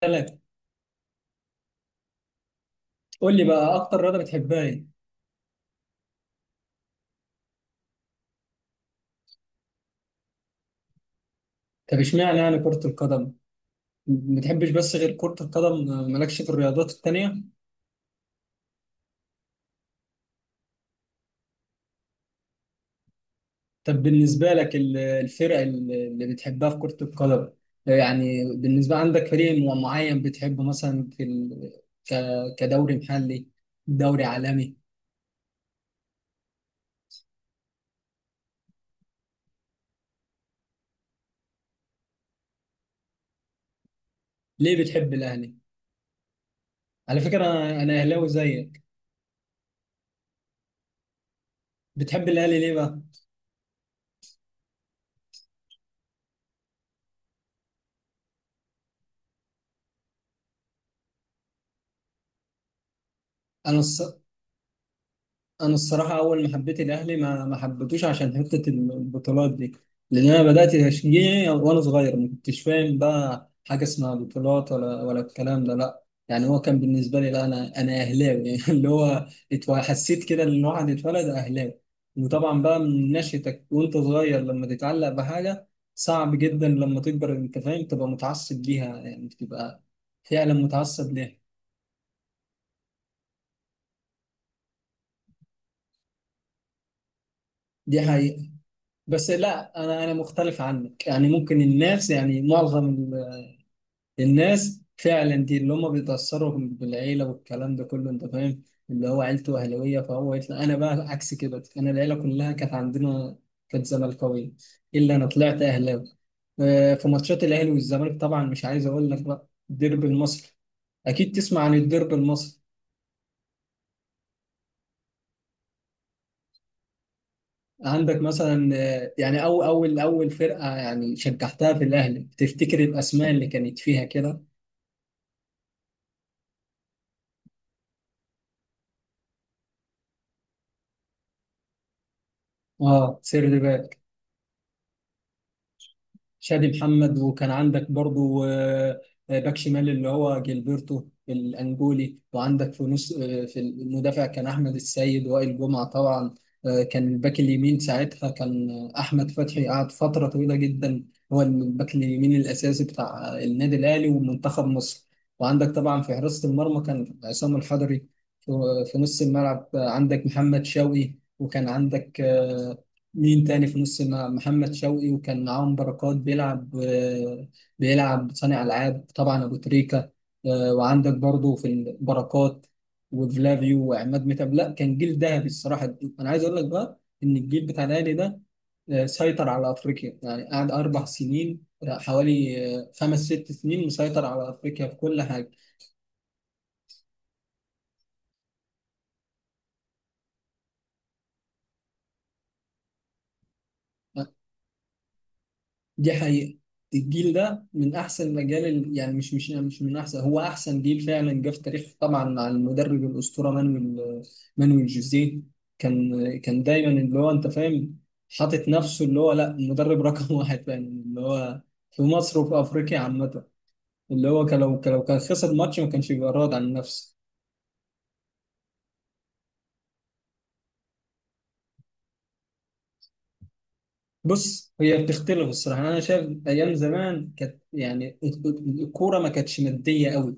ثلاثة. قول لي بقى أكتر رياضة بتحبها إيه؟ طب إشمعنى يعني كرة القدم؟ ما بتحبش بس غير كرة القدم، مالكش في الرياضات التانية؟ طب بالنسبة لك الفرق اللي بتحبها في كرة القدم، يعني بالنسبة عندك فريق معين بتحبه مثلا في ك... كدوري محلي، دوري عالمي؟ ليه بتحب الأهلي؟ على فكرة أنا أهلاوي زيك. بتحب الأهلي ليه بقى؟ أنا الص... انا الصراحه اول ما حبيت الاهلي ما حبيتوش عشان حته البطولات دي، لان انا بدات تشجيعي وانا صغير ما كنتش فاهم بقى حاجه اسمها بطولات ولا الكلام ده، لا يعني هو كان بالنسبه لي لا انا اهلاوي يعني اللي هو حسيت كده ان الواحد اتولد اهلاوي. وطبعا بقى من نشأتك وانت صغير لما تتعلق بحاجه صعب جدا لما تكبر انت فاهم تبقى متعصب ليها، يعني تبقى فعلا متعصب ليها. دي حقيقة. بس لا انا مختلف عنك، يعني ممكن الناس، يعني معظم الناس فعلا دي اللي هم بيتاثروا بالعيله والكلام ده كله انت فاهم، اللي هو عيلته اهلاويه فهو يطلع، انا بقى عكس كده، انا العيله كلها كانت عندنا كانت زملكاويه، الا انا طلعت اهلاوي. آه، في ماتشات الاهلي والزمالك طبعا مش عايز اقول لك بقى الديربي المصري، اكيد تسمع عن الديربي المصري. عندك مثلا يعني أو أول فرقة يعني شجعتها في الأهلي، تفتكر الأسماء اللي كانت فيها كده؟ اه، سير باك شادي محمد، وكان عندك برضو باك شمال اللي هو جilberto الانجولي، وعندك في نص في المدافع كان احمد السيد، وائل جمعه طبعا، كان الباك اليمين ساعتها كان احمد فتحي، قعد فتره طويله جدا هو الباك اليمين الاساسي بتاع النادي الاهلي ومنتخب مصر. وعندك طبعا في حراسه المرمى كان عصام الحضري. في في نص الملعب عندك محمد شوقي، وكان عندك مين تاني في نص الملعب، محمد شوقي، وكان معاهم بركات بيلعب، بيلعب صانع ألعاب، طبعا أبو تريكة، وعندك برضو في البركات وفلافيو وعماد متعب. لا كان جيل ذهبي، الصراحة أنا عايز أقول لك بقى إن الجيل بتاع الأهلي ده سيطر على أفريقيا يعني قعد 4 سنين حوالي 5 6 سنين مسيطر على أفريقيا في كل حاجة. دي حقيقة. الجيل ده من أحسن الأجيال ال- يعني مش مش مش من أحسن، هو أحسن جيل فعلا جه في تاريخ، طبعا مع المدرب الأسطورة مانويل، مانويل جوزيه. كان دايما اللي هو أنت فاهم حاطط نفسه اللي هو لا، المدرب رقم واحد فعلا اللي هو في مصر وفي أفريقيا عامة، اللي هو كان لو كان لو كان خسر ماتش ما كانش بيبقى راضي عن نفسه. بص هي بتختلف الصراحه، يعني انا شايف ايام زمان كانت، يعني الكوره ما كانتش ماديه قوي،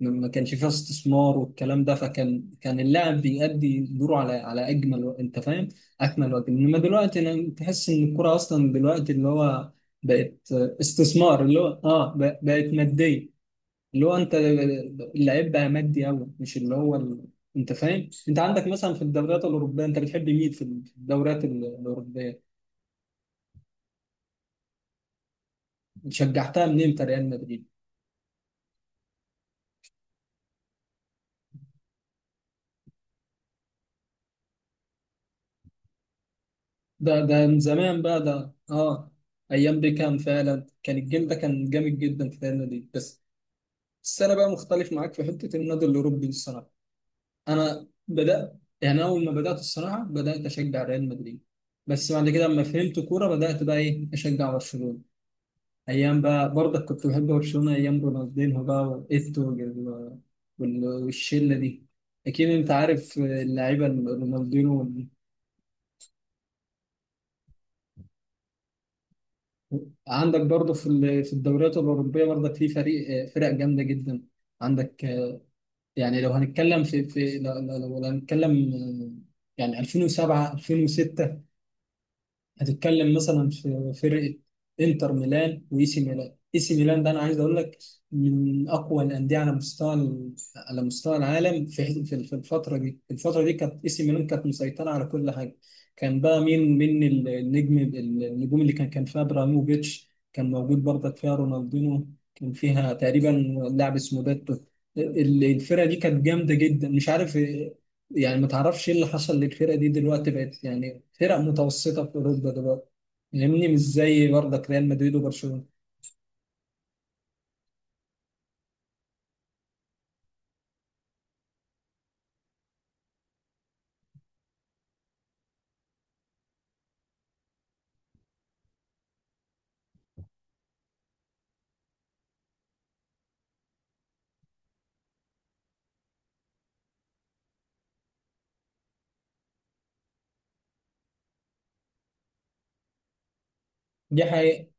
ما كانش فيها استثمار والكلام ده، فكان كان اللاعب بيأدي دوره على على اجمل انت فاهم، اكمل وجه. انما دلوقتي انا تحس ان الكوره اصلا دلوقتي اللي هو بقت استثمار، اللي هو اه بقت ماديه، اللي هو انت، اللعيب بقى مادي قوي، مش اللي هو انت فاهم. انت عندك مثلا في الدوريات الاوروبيه انت بتحب مين في الدوريات الاوروبيه؟ شجعتها من امتى ريال مدريد؟ ده ده من زمان بقى ده. اه، ايام بيكهام فعلا كان الجيل ده كان جامد جدا في ريال مدريد. بس بس انا بقى مختلف معاك في حته النادي الاوروبي الصراحه. انا بدات يعني، اول ما بدات الصراحه بدات اشجع ريال مدريد، بس بعد كده لما فهمت كوره بدات بقى ايه، اشجع برشلونه. ايام بقى برضك كنت بحب برشلونه ايام رونالدينho بقى وايتو والشله دي. اكيد انت عارف اللعيبه رونالدينو. عندك برضه في في الدوريات الأوروبية برضه في فرق جامدة جدا. عندك يعني لو هنتكلم في في لو هنتكلم يعني 2007، 2006، هتتكلم مثلا في فرقة انتر ميلان واي سي ميلان. اي سي ميلان ده انا عايز اقول لك من اقوى الانديه على مستوى ال- على مستوى العالم في في الفتره دي. الفتره دي كانت اي سي ميلان كانت مسيطره على كل حاجه. كان بقى مين من النجوم اللي كان فيها؟ ابراهيموفيتش كان موجود برضك، فيها رونالدينو، كان فيها تقريبا لاعب اسمه باتو. الفرقه دي كانت جامده جدا، مش عارف يعني ما تعرفش ايه اللي حصل للفرقة دي دلوقتي، بقت يعني فرق متوسطة في أوروبا دلوقتي، فاهمني؟ مش زي برضك ريال مدريد وبرشلونة. دي حقيقة.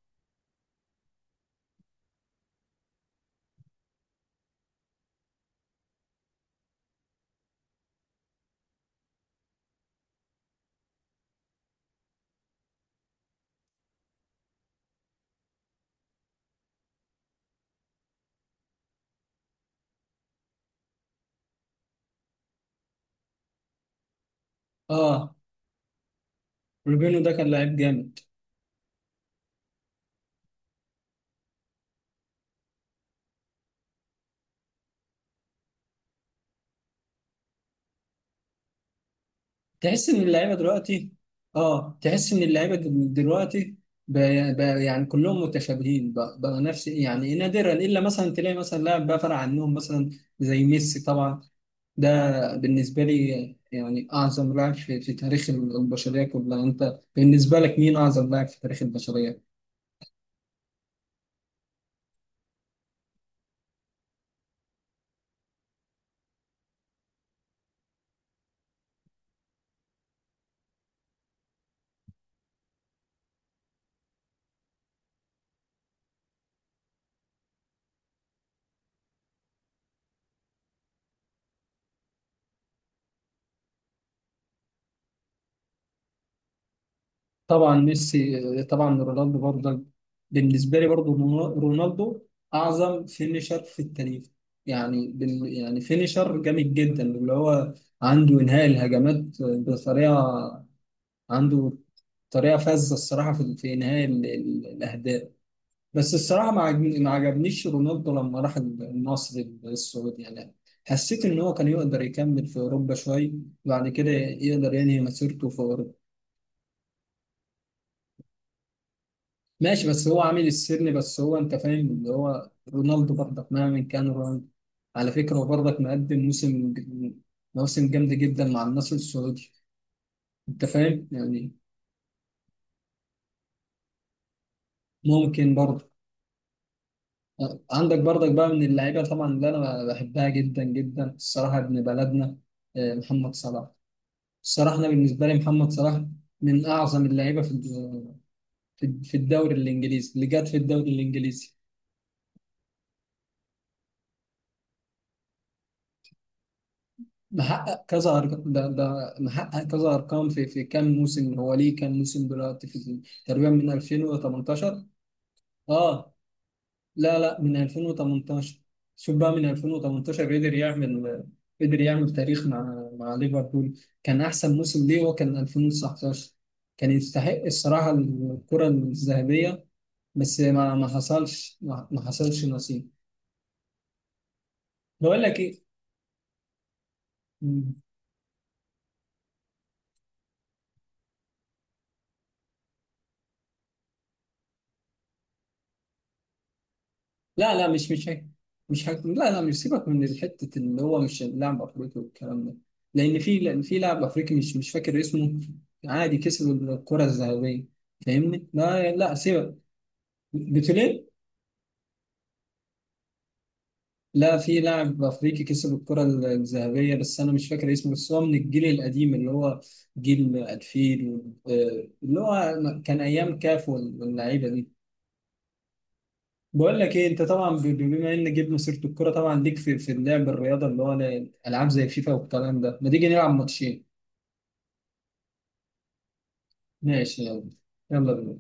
اه، روبينو ده كان لعيب جامد. تحس إن اللعيبة دلوقتي، اه تحس إن اللعيبة دلوقتي بقى، يعني كلهم متشابهين بقى، نفس يعني، نادرا إلا مثلا تلاقي مثلا لاعب بقى فرق عنهم مثلا زي ميسي طبعا. ده بالنسبة لي يعني أعظم لاعب في تاريخ البشرية كلها. أنت بالنسبة لك مين أعظم لاعب في تاريخ البشرية؟ طبعا ميسي، طبعا رونالدو برضه. بالنسبة لي برضه رونالدو أعظم فينيشر في التاريخ. يعني بال يعني فينيشر جامد جدا اللي هو عنده إنهاء الهجمات بطريقة، عنده طريقة فذة الصراحة في في إنهاء الأهداف. بس الصراحة ما عجبنيش رونالدو لما راح النصر السعودي، يعني حسيت إن هو كان يقدر يكمل في أوروبا شوية، وبعد كده يقدر ينهي مسيرته في أوروبا. ماشي بس هو عامل السن، بس هو أنت فاهم اللي هو رونالدو برضك مهما كان، رونالدو على فكرة هو برضك مقدم موسم، موسم جامد جدا مع النصر السعودي، أنت فاهم يعني. ممكن برضه. عندك برضك بقى من اللعيبة طبعا اللي أنا بحبها جدا جدا الصراحة ابن بلدنا، محمد صلاح. الصراحة أنا بالنسبة لي محمد صلاح من أعظم اللعيبة في الدوري الإنجليزي، اللي جات في الدوري الإنجليزي. محقق كذا أرقام، ده ده محقق كذا أرقام في في كام موسم، هو ليه كام موسم دلوقتي في؟ تقريبا من 2018. آه، لا لا من 2018، شوف بقى من 2018 قدر يعمل، قدر يعمل تاريخ مع مع ليفربول. كان أحسن موسم ليه هو كان 2019، كان يستحق الصراحة الكرة الذهبية، بس ما ما حصلش، ما حصلش نصيب. بقول لك ايه. مم. لا لا مش هيك، مش هيك، لا لا مش، سيبك من حته اللي هو مش لاعب افريقي والكلام ده، لان في لاعب افريقي مش فاكر اسمه، عادي كسب الكره الذهبيه، فاهمني. لا لا سيبك، قلت ليه. لا في لاعب افريقي كسب الكره الذهبيه بس انا مش فاكر اسمه، بس هو من الجيل القديم اللي هو جيل 2000، آه، اللي هو كان ايام كاف واللعيبه دي. بقول لك ايه، انت طبعا بما ان جبنا سيره الكوره طبعا ليك في في اللعب، الرياضه اللي هو العاب زي فيفا والكلام ده، ما تيجي نلعب ماتشين؟ ماشي يلا. يلا بينا.